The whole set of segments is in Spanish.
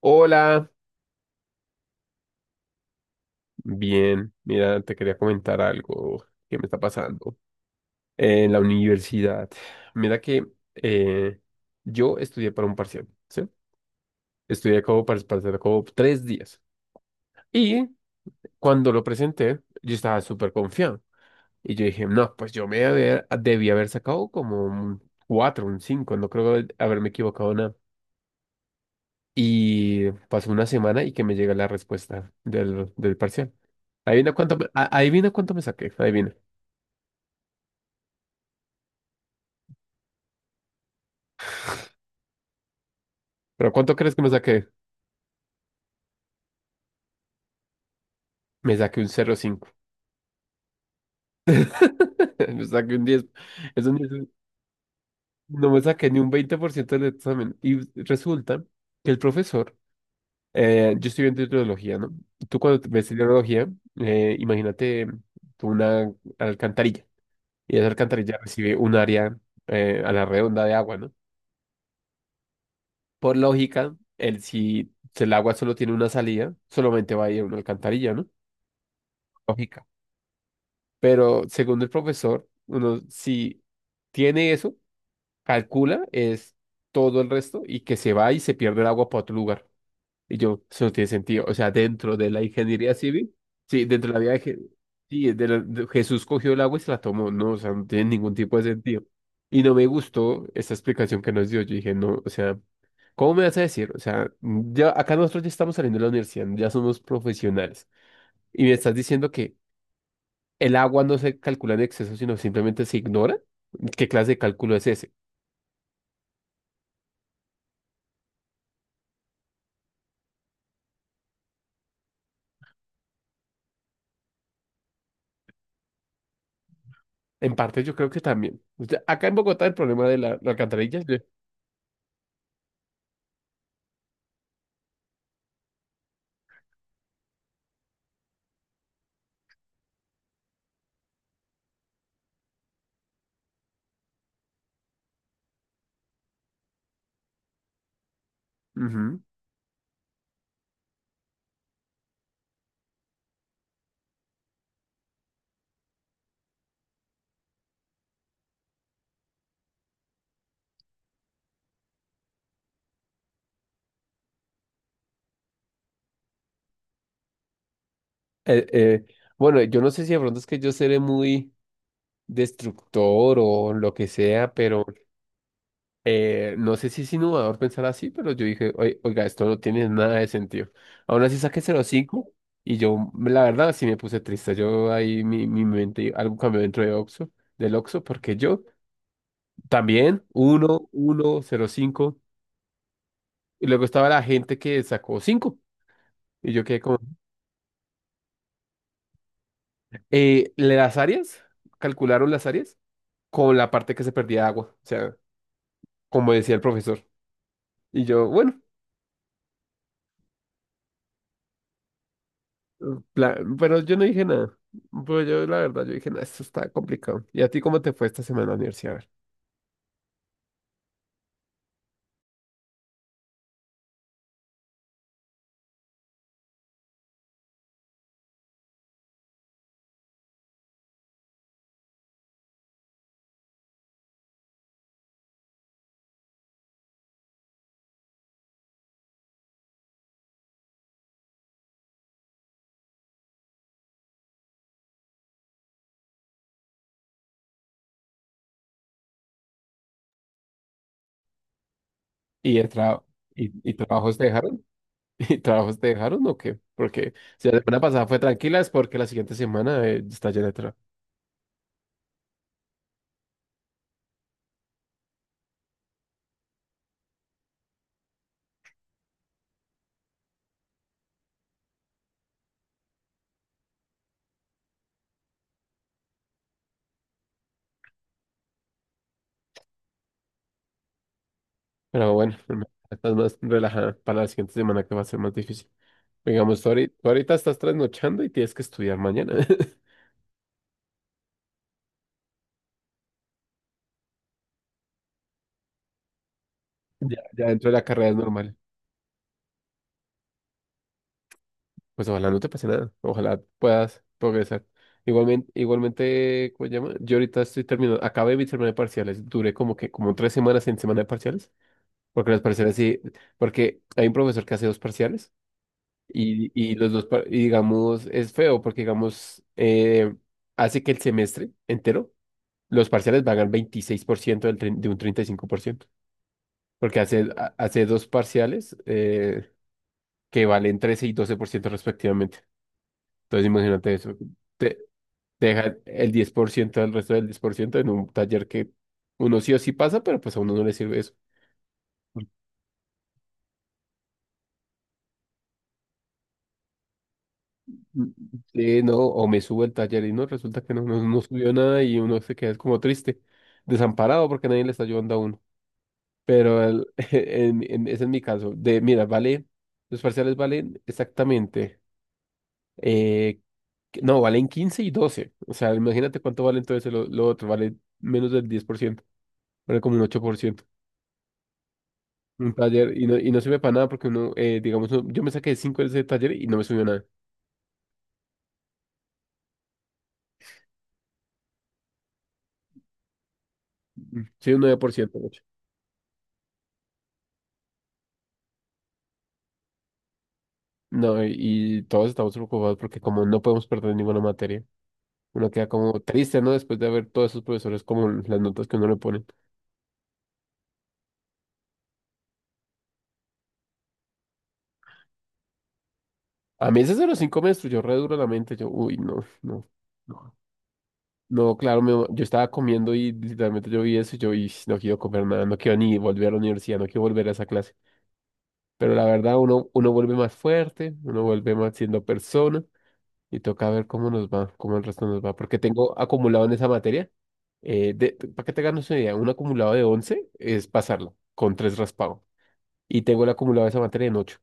Hola, bien, mira, te quería comentar algo que me está pasando en la universidad. Mira que eh, yo estudié para un parcial, ¿sí? Estudié como para el parcial como 3 días. Y cuando lo presenté, yo estaba súper confiado. Y yo dije, no, pues yo me debí haber sacado como un cuatro, un cinco, no creo haberme equivocado nada. Y pasó una semana y que me llega la respuesta del parcial. Adivina cuánto, adivina cuánto me saqué, adivina. ¿Pero cuánto crees que me saqué? Me saqué un 0,5. Me saqué un 10. Es un 10. No me saqué ni un 20% del examen. Y resulta que el profesor, yo estoy viendo hidrología, ¿no? Tú cuando ves hidrología, imagínate tú una alcantarilla. Y esa alcantarilla recibe un área a la redonda de agua, ¿no? Por lógica, el, si si el agua solo tiene una salida, solamente va a ir a una alcantarilla, ¿no? Lógica. Pero según el profesor, uno si tiene eso, calcula, es todo el resto y que se va y se pierde el agua para otro lugar. Y yo, eso no tiene sentido. O sea, dentro de la ingeniería civil, sí, dentro de la vida de, sí, Jesús cogió el agua y se la tomó. No, o sea, no tiene ningún tipo de sentido. Y no me gustó esa explicación que nos dio. Yo dije, no, o sea, ¿cómo me vas a decir? O sea, ya acá nosotros ya estamos saliendo de la universidad, ya somos profesionales. Y me estás diciendo que el agua no se calcula en exceso, sino simplemente se ignora. ¿Qué clase de cálculo es ese? En parte yo creo que también. O sea, acá en Bogotá el problema de la alcantarilla. Ujú. Eh, eh, bueno, yo no sé si de pronto es que yo seré muy destructor o lo que sea, pero no sé si es innovador pensar así, pero yo dije: Oiga, esto no tiene nada de sentido". Aún así saqué 0,5 y yo, la verdad, sí me puse triste. Yo ahí mi mente, algo cambió del Oxxo, porque yo... También, uno cero cinco. Y luego estaba la gente que sacó cinco. Y yo quedé como, eh, las áreas, calcularon las áreas con la parte que se perdía de agua. O sea, como decía el profesor. Y yo, bueno, pero yo no dije nada. Pues yo, la verdad, yo dije, nada, esto está complicado. ¿Y a ti cómo te fue esta semana en la universidad? A ver. ¿Y, el trabajo y trabajos te dejaron? ¿Y trabajos te dejaron o qué? Porque si la semana pasada fue tranquila, es porque la siguiente semana está llena de trabajo. Pero bueno, estás más relajada para la siguiente semana que va a ser más difícil. Digamos, tú ahorita estás trasnochando y tienes que estudiar mañana. Ya, ya dentro de la carrera es normal. Pues ojalá no te pase nada. Ojalá puedas progresar. Igualmente, igualmente, ¿cómo se llama? Yo ahorita estoy terminando, acabé mi semana de parciales. Duré como que como 3 semanas en semana de parciales. Porque los parciales sí, porque hay un profesor que hace dos parciales y digamos, es feo porque digamos, hace que el semestre entero los parciales pagan 26% de un 35%, porque hace dos parciales que valen 13% y 12% respectivamente. Entonces imagínate eso, te, te deja el 10% del resto del 10% en un taller que uno sí o sí pasa, pero pues a uno no le sirve eso. Mm, sí, no, o me subo el taller y no, resulta que no, no subió nada y uno se queda como triste, desamparado porque nadie le está ayudando a uno. Pero ese es mi caso, de mira, vale, los parciales valen exactamente. Eh, no, valen 15 y 12. O sea, imagínate cuánto vale entonces lo otro. Vale menos del 10%. Vale como un 8%. Un taller y no sirve para nada porque uno, digamos, yo me saqué 5 de ese taller y no me subió nada. Mm, sí, un 9%, de hecho. No, y todos estamos preocupados porque como no podemos perder ninguna materia, uno queda como triste, ¿no? Después de ver todos esos profesores como las notas que uno le pone. A mí ese 0,5 me destruyó re duro la mente. Yo, uy, no, no. No, no, claro, yo estaba comiendo y literalmente yo vi eso y yo y no quiero comer nada, no quiero ni volver a la universidad, no quiero volver a esa clase. Pero la verdad, uno vuelve más fuerte, uno vuelve más siendo persona y toca ver cómo nos va, cómo el resto nos va. Porque tengo acumulado en esa materia, para que te hagas una idea, un acumulado de 11 es pasarlo con tres raspado. Y tengo el acumulado de esa materia en 8.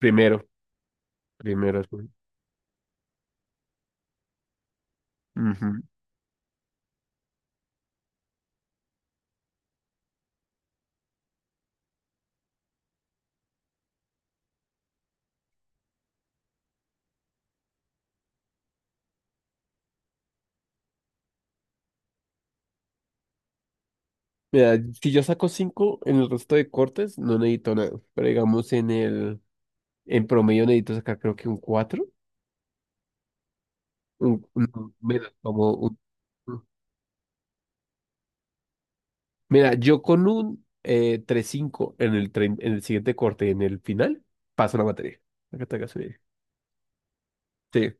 Primero, primero. Bueno. Ujú. Mira, si yo saco 5 en el resto de cortes, no necesito nada. Pero digamos en el, en promedio necesito sacar creo que un cuatro, menos, como un- Mira, yo con un 3,5 en el siguiente corte, en el final, paso la materia. Para que te hagas una idea. Sí, o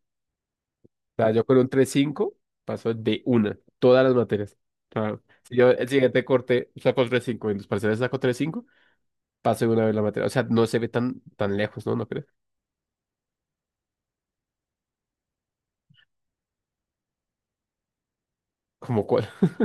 sea, yo con un 3,5 paso de una, todas las materias. O si yo el siguiente corte saco 3,5 en los parciales, saco 3,5, paso de una vez la materia. O sea, no se ve tan, tan lejos, ¿no? ¿No crees? ¿Como cuál?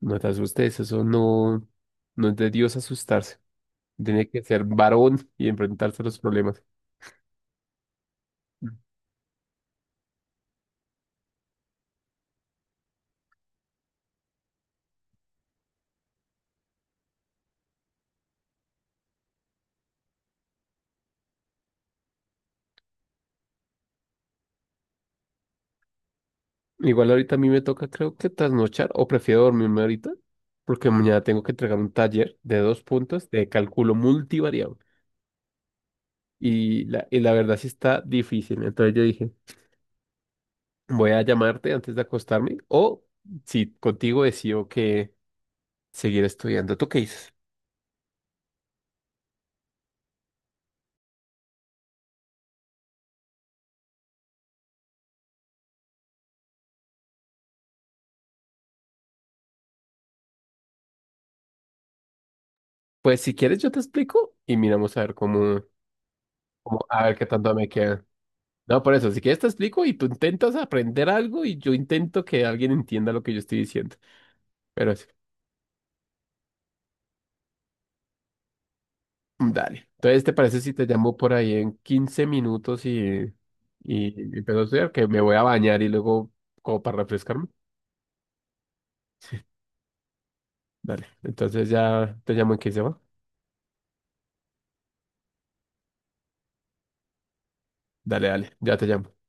No te asustes, eso no, no es de Dios asustarse. Tenía que ser varón y enfrentarse a los problemas. Igual ahorita a mí me toca, creo que trasnochar, o prefiero dormirme ahorita, porque mañana tengo que entregar un taller de dos puntos de cálculo multivariable. Y la verdad sí está difícil. Entonces yo dije, voy a llamarte antes de acostarme, o si contigo decido que seguir estudiando. ¿Tú qué dices? Pues si quieres yo te explico y miramos a ver a ver qué tanto me queda. No, por eso, si quieres te explico y tú intentas aprender algo y yo intento que alguien entienda lo que yo estoy diciendo. Pero sí, dale. Entonces, ¿te parece si te llamo por ahí en 15 minutos y empiezo a estudiar? Que me voy a bañar y luego como para refrescarme. Dale. Entonces ya te llamo en 15, ¿va? Dale, dale, ya te llamo.